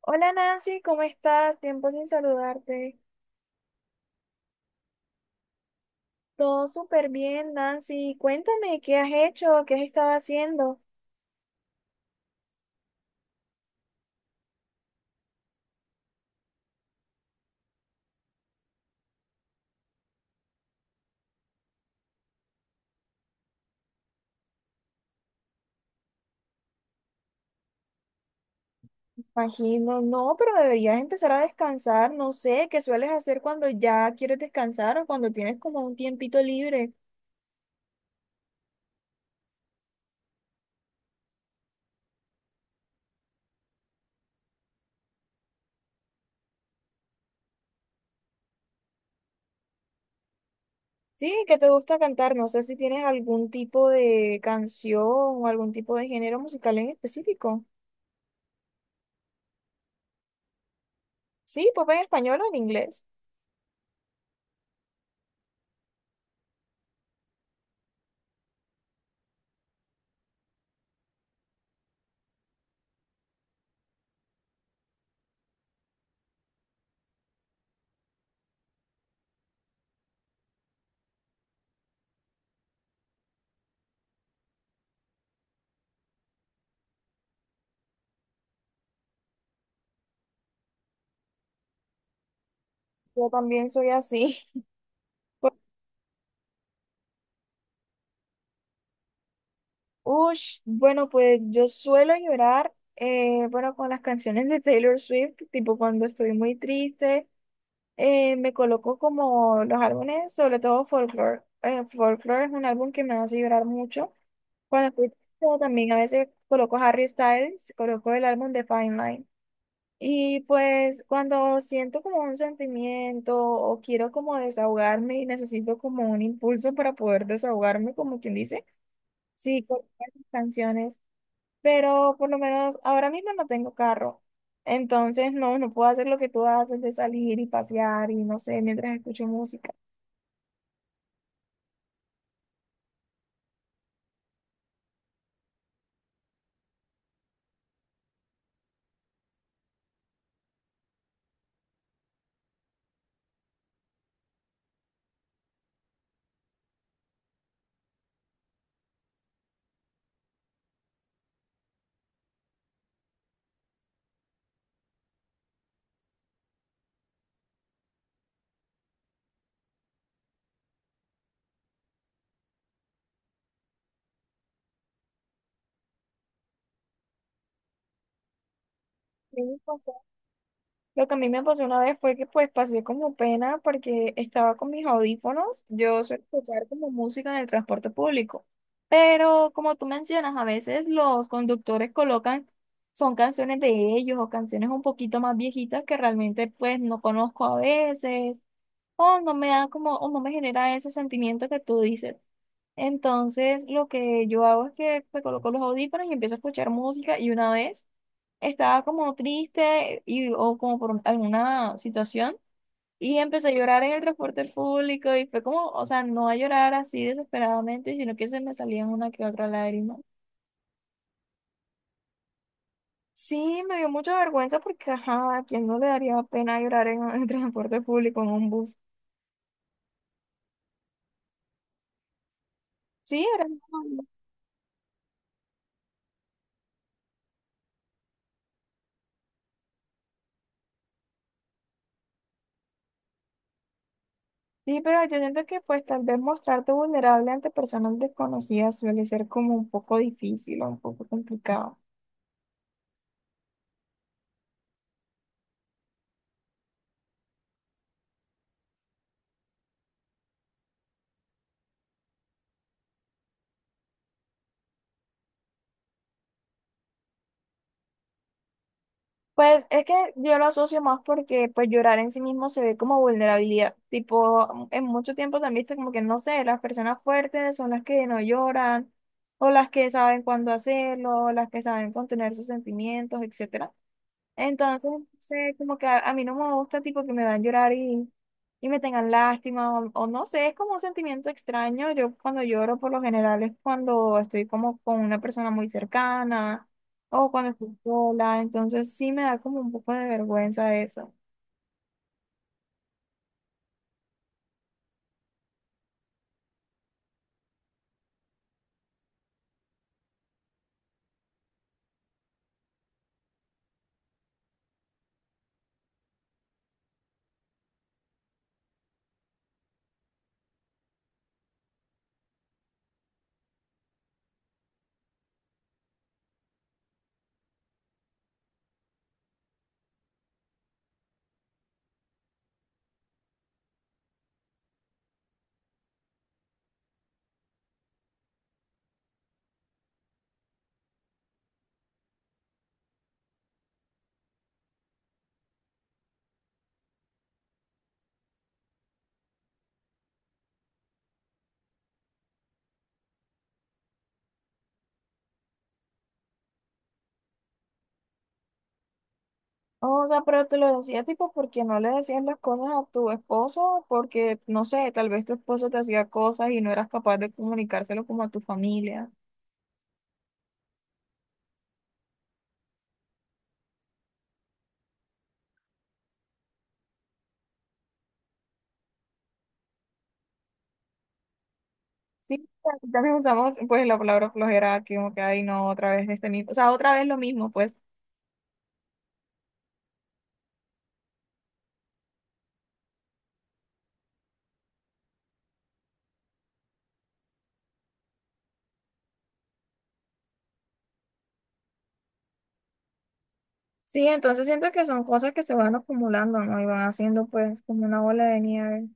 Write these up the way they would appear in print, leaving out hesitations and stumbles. Hola Nancy, ¿cómo estás? Tiempo sin saludarte. Todo súper bien, Nancy. Cuéntame, ¿qué has hecho? ¿Qué has estado haciendo? Imagino, no, pero deberías empezar a descansar. No sé, ¿qué sueles hacer cuando ya quieres descansar o cuando tienes como un tiempito libre? Sí, ¿qué te gusta cantar? No sé si tienes algún tipo de canción o algún tipo de género musical en específico. Sí, pop en español o en inglés. Yo también soy así. Ush, bueno, pues yo suelo llorar, bueno, con las canciones de Taylor Swift, tipo cuando estoy muy triste, me coloco como los álbumes, sobre todo Folklore. Folklore es un álbum que me hace llorar mucho. Cuando estoy triste también a veces coloco Harry Styles, coloco el álbum de Fine Line. Y pues cuando siento como un sentimiento o quiero como desahogarme y necesito como un impulso para poder desahogarme, como quien dice, sí, coloco esas canciones, pero por lo menos ahora mismo no tengo carro. Entonces, no puedo hacer lo que tú haces de salir y pasear y no sé, mientras escucho música. Sí, me pasó. Lo que a mí me pasó una vez fue que pues pasé como pena porque estaba con mis audífonos. Yo suelo escuchar como música en el transporte público. Pero como tú mencionas, a veces los conductores colocan, son canciones de ellos o canciones un poquito más viejitas que realmente pues no conozco a veces o no me da como, o no me genera ese sentimiento que tú dices. Entonces, lo que yo hago es que me coloco los audífonos y empiezo a escuchar música y una vez estaba como triste y, o como por alguna situación y empecé a llorar en el transporte público y fue como, o sea, no a llorar así desesperadamente, sino que se me salían una que otra lágrima. Sí, me dio mucha vergüenza porque, ajá, ¿a quién no le daría pena llorar en el transporte público, en un bus? Sí, era normal. Sí, pero yo siento que pues tal vez mostrarte vulnerable ante personas desconocidas suele ser como un poco difícil o un poco complicado. Pues es que yo lo asocio más porque pues llorar en sí mismo se ve como vulnerabilidad. Tipo, en mucho tiempo también está como que no sé, las personas fuertes son las que no lloran o las que saben cuándo hacerlo, o las que saben contener sus sentimientos, etcétera. Entonces, no sé, como que a mí no me gusta tipo que me van a llorar y me tengan lástima o no sé, es como un sentimiento extraño. Yo cuando lloro por lo general es cuando estoy como con una persona muy cercana o cuando estoy sola, entonces sí me da como un poco de vergüenza eso. O sea, pero te lo decía tipo porque no le decías las cosas a tu esposo, porque no sé, tal vez tu esposo te hacía cosas y no eras capaz de comunicárselo como a tu familia. Sí, también usamos pues la palabra flojera que como que ay no, otra vez este mismo, o sea, otra vez lo mismo, pues. Sí, entonces siento que son cosas que se van acumulando, ¿no? Y van haciendo pues como una bola de nieve.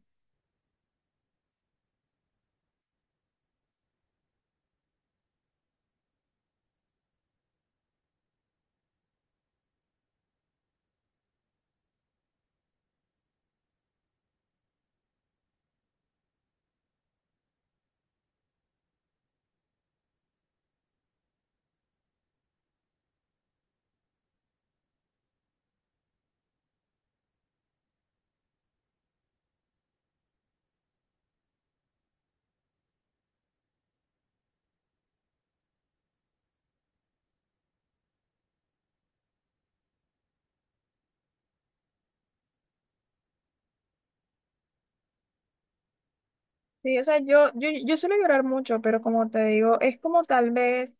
Sí, o sea, yo suelo llorar mucho, pero como te digo, es como tal vez…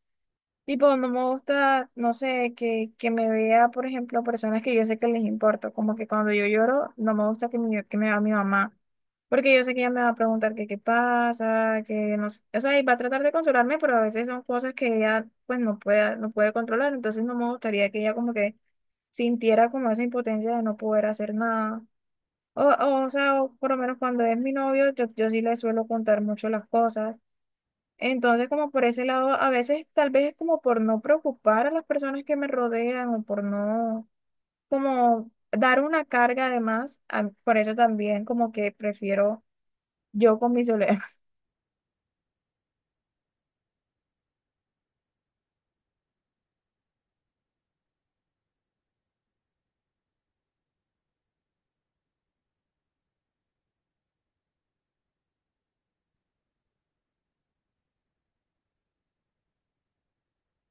Tipo, no me gusta, no sé, que me vea, por ejemplo, personas que yo sé que les importo. Como que cuando yo lloro, no me gusta que me vea mi mamá. Porque yo sé que ella me va a preguntar que qué pasa, que no sé. O sea, y va a tratar de consolarme, pero a veces son cosas que ella, pues, no puede controlar. Entonces, no me gustaría que ella, como que sintiera como esa impotencia de no poder hacer nada. O sea, o por lo menos cuando es mi novio, yo sí le suelo contar mucho las cosas. Entonces, como por ese lado, a veces tal vez es como por no preocupar a las personas que me rodean o por no, como dar una carga además, por eso también como que prefiero yo con mi soledad.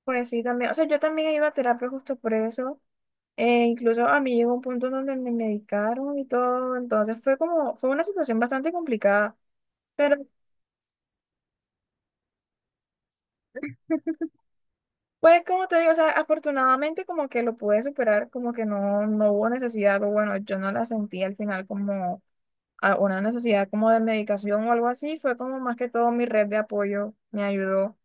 Pues sí, también, o sea, yo también iba a terapia justo por eso, incluso a mí llegó un punto donde me medicaron y todo, entonces fue como, fue una situación bastante complicada, pero pues como te digo, o sea, afortunadamente como que lo pude superar, como que no, no hubo necesidad, o bueno, yo no la sentí al final como una necesidad como de medicación o algo así, fue como más que todo mi red de apoyo me ayudó.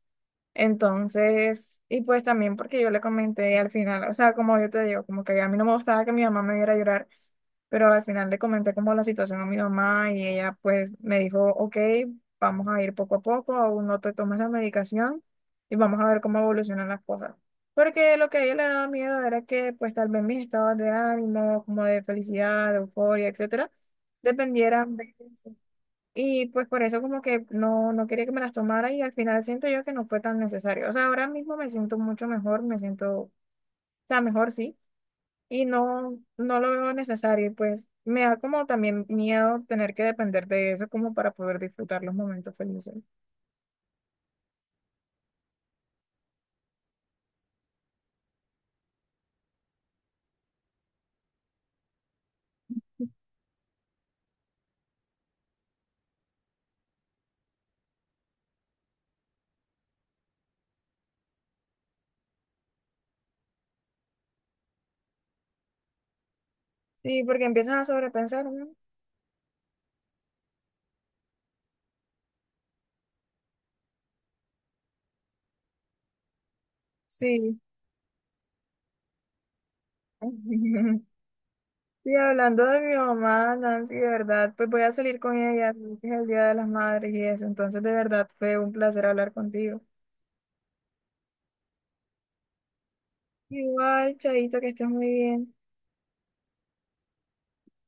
Entonces, y pues también porque yo le comenté al final, o sea, como yo te digo, como que a mí no me gustaba que mi mamá me viera llorar, pero al final le comenté como la situación a mi mamá y ella pues me dijo, ok, vamos a ir poco a poco, aún no te tomes la medicación y vamos a ver cómo evolucionan las cosas. Porque lo que a ella le daba miedo era que pues tal vez mis estados de ánimo, como de felicidad, de euforia, etcétera, dependieran de eso. Y pues por eso como que no, no quería que me las tomara y al final siento yo que no fue tan necesario. O sea, ahora mismo me siento mucho mejor, me siento, o sea, mejor sí, y no lo veo necesario. Y pues me da como también miedo tener que depender de eso como para poder disfrutar los momentos felices. Sí, porque empiezas a sobrepensar, ¿no? Sí. Y hablando de mi mamá, Nancy, de verdad, pues voy a salir con ella, es el Día de las Madres y eso. Entonces, de verdad, fue un placer hablar contigo. Igual, Chaito, que estés muy bien.